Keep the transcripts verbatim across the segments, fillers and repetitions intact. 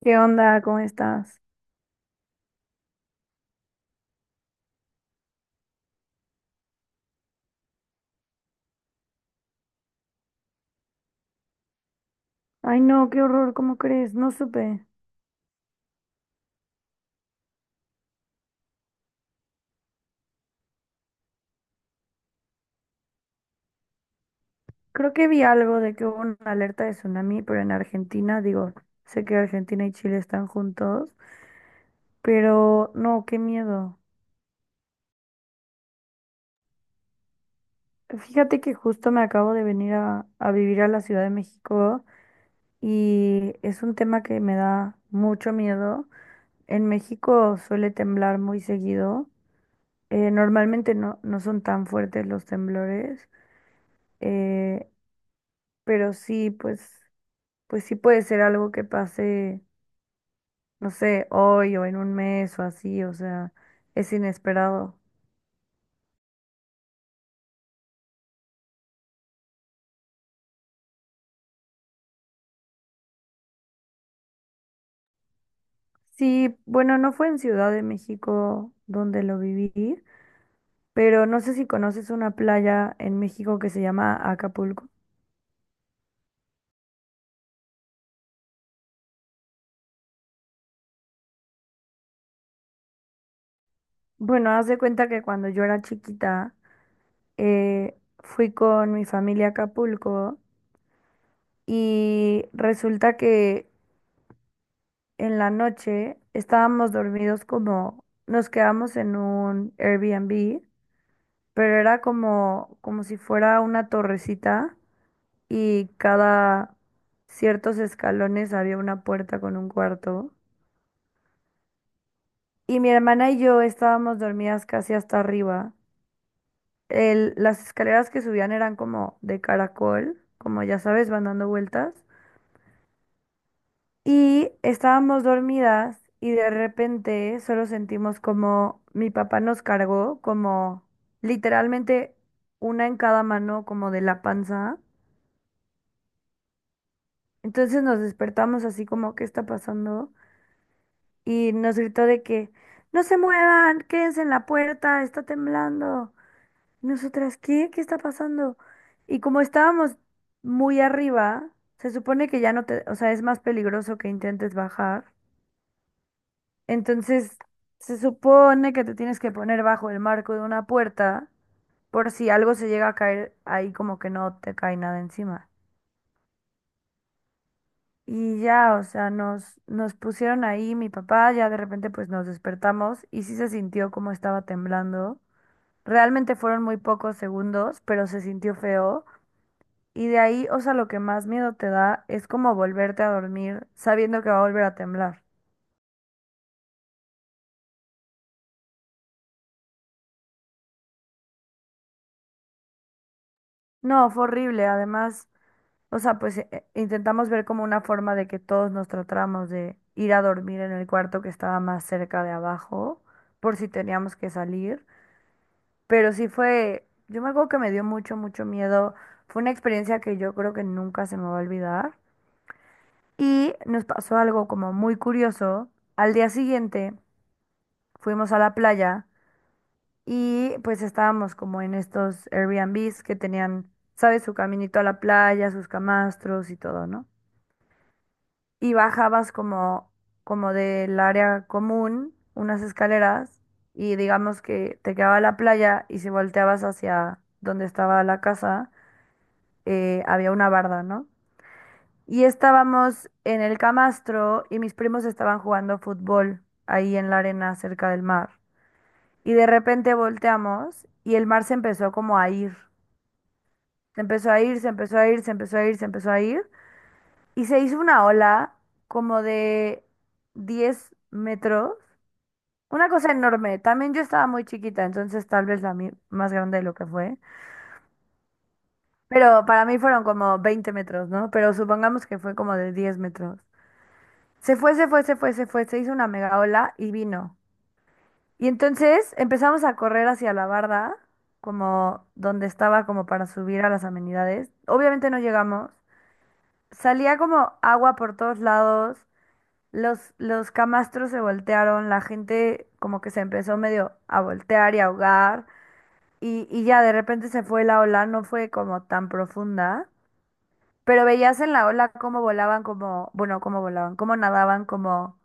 ¿Qué onda? ¿Cómo estás? Ay, no, qué horror, ¿cómo crees? No supe. Creo que vi algo de que hubo una alerta de tsunami, pero en Argentina, digo, sé que Argentina y Chile están juntos, pero no, qué miedo. Fíjate que justo me acabo de venir a, a vivir a la Ciudad de México y es un tema que me da mucho miedo. En México suele temblar muy seguido. Eh, normalmente no, no son tan fuertes los temblores. eh, pero sí, pues pues sí puede ser algo que pase, no sé, hoy o en un mes o así, o sea, es inesperado. Sí, bueno, no fue en Ciudad de México donde lo viví, pero no sé si conoces una playa en México que se llama Acapulco. Bueno, haz de cuenta que cuando yo era chiquita, eh, fui con mi familia a Acapulco y resulta que en la noche estábamos dormidos como nos quedamos en un Airbnb. Pero era como, como si fuera una torrecita y cada ciertos escalones había una puerta con un cuarto. Y mi hermana y yo estábamos dormidas casi hasta arriba. El- las escaleras que subían eran como de caracol, como ya sabes, van dando vueltas. Y estábamos dormidas y de repente solo sentimos como mi papá nos cargó, como literalmente una en cada mano, como de la panza. Entonces nos despertamos así como, ¿qué está pasando? Y nos gritó de que no se muevan, quédense en la puerta, está temblando. Y nosotras, ¿qué? ¿Qué está pasando? Y como estábamos muy arriba, se supone que ya no te, o sea, es más peligroso que intentes bajar. Entonces, se supone que te tienes que poner bajo el marco de una puerta por si algo se llega a caer ahí como que no te cae nada encima. Y ya, o sea, nos, nos pusieron ahí, mi papá, ya de repente pues nos despertamos y sí se sintió como estaba temblando. Realmente fueron muy pocos segundos, pero se sintió feo. Y de ahí, o sea, lo que más miedo te da es como volverte a dormir sabiendo que va a volver a temblar. No, fue horrible. Además, o sea, pues eh, eh, intentamos ver como una forma de que todos nos tratáramos de ir a dormir en el cuarto que estaba más cerca de abajo, por si teníamos que salir. Pero sí fue, yo me acuerdo que me dio mucho, mucho miedo. Fue una experiencia que yo creo que nunca se me va a olvidar. Y nos pasó algo como muy curioso. Al día siguiente fuimos a la playa y pues estábamos como en estos Airbnbs que tenían, ¿sabes? Su caminito a la playa, sus camastros y todo, ¿no? Y bajabas como, como del área común, unas escaleras, y digamos que te quedaba la playa y si volteabas hacia donde estaba la casa eh, había una barda, ¿no? Y estábamos en el camastro y mis primos estaban jugando fútbol ahí en la arena cerca del mar. Y de repente volteamos y el mar se empezó como a ir. Se empezó a ir, se empezó a ir, se empezó a ir, se empezó a ir. Y se hizo una ola como de diez metros. Una cosa enorme. También yo estaba muy chiquita, entonces tal vez la mi- más grande de lo que fue. Pero para mí fueron como veinte metros, ¿no? Pero supongamos que fue como de diez metros. Se fue, se fue, se fue, se fue, se hizo una mega ola y vino. Y entonces empezamos a correr hacia la barda, como donde estaba como para subir a las amenidades. Obviamente no llegamos. Salía como agua por todos lados, los, los camastros se voltearon, la gente como que se empezó medio a voltear y a ahogar. Y, y ya de repente se fue la ola, no fue como tan profunda, pero veías en la ola cómo volaban, como, bueno, cómo volaban, cómo nadaban, como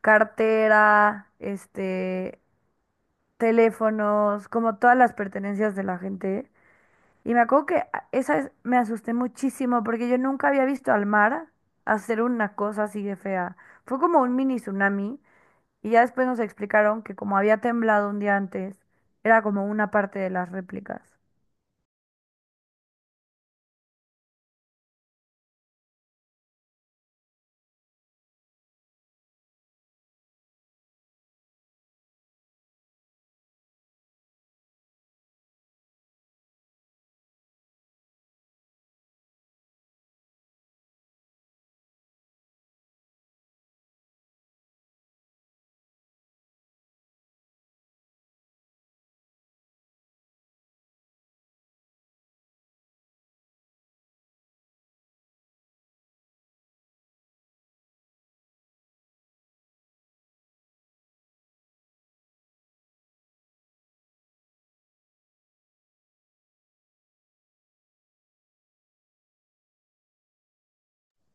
cartera, este, teléfonos, como todas las pertenencias de la gente. Y me acuerdo que a- esa vez me asusté muchísimo porque yo nunca había visto al mar hacer una cosa así de fea. Fue como un mini tsunami y ya después nos explicaron que como había temblado un día antes, era como una parte de las réplicas.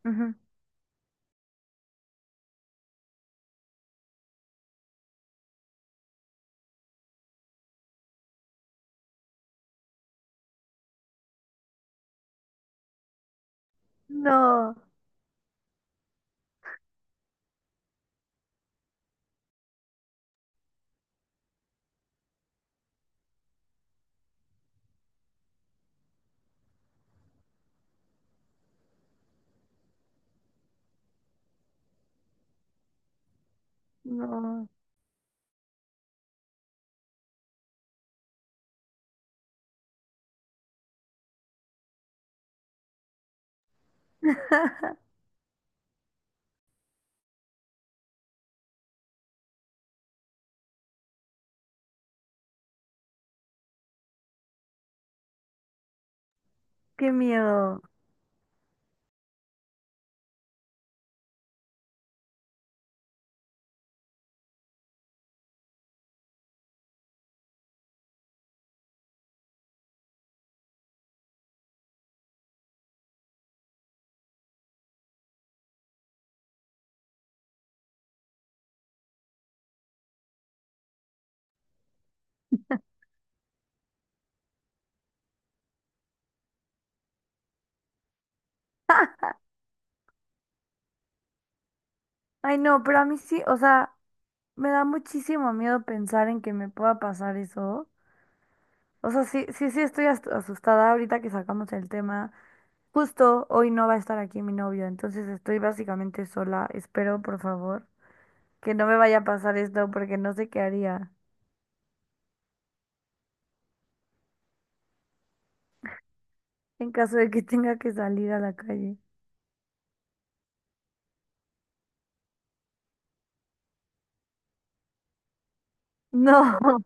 Ujú. No, no. Qué miedo. Ay, no, pero a mí sí, o sea, me da muchísimo miedo pensar en que me pueda pasar eso. O sea, sí, sí, sí estoy as- asustada ahorita que sacamos el tema. Justo hoy no va a estar aquí mi novio, entonces estoy básicamente sola. Espero, por favor, que no me vaya a pasar esto porque no sé qué haría en caso de que tenga que salir a la calle. No.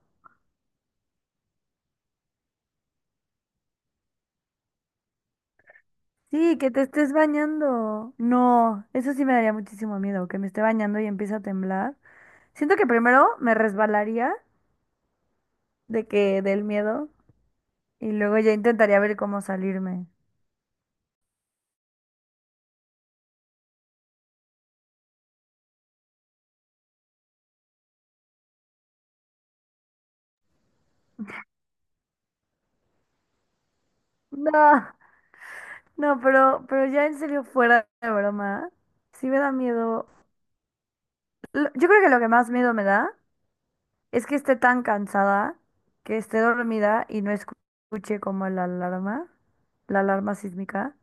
Sí, que te estés bañando. No, eso sí me daría muchísimo miedo, que me esté bañando y empiece a temblar. Siento que primero me resbalaría de que del miedo y luego ya intentaría ver cómo salirme. No. No, pero, pero ya en serio, fuera de broma, sí me da miedo. Lo- Yo creo que lo que más miedo me da es que esté tan cansada, que esté dormida y no escu- escuche como la alarma, la alarma sísmica,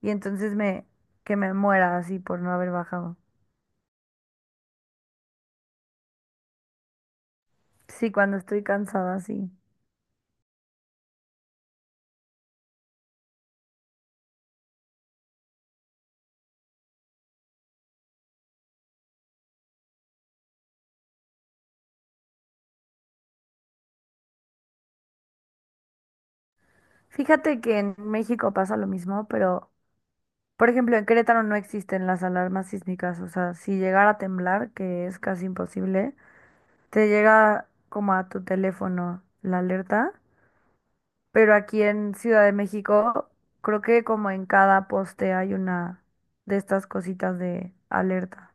y entonces me, que me muera así por no haber bajado. Sí, cuando estoy cansada, sí. Fíjate que en México pasa lo mismo, pero, por ejemplo, en Querétaro no existen las alarmas sísmicas, o sea, si llegara a temblar, que es casi imposible. Te llega como a tu teléfono la alerta, pero aquí en Ciudad de México creo que como en cada poste hay una de estas cositas de alerta.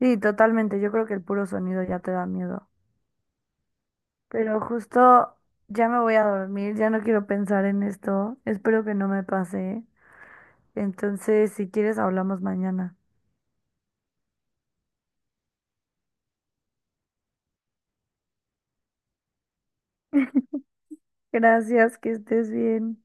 Sí, totalmente, yo creo que el puro sonido ya te da miedo. Pero justo ya me voy a dormir, ya no quiero pensar en esto, espero que no me pase. Entonces, si quieres, hablamos mañana. Gracias, que estés bien.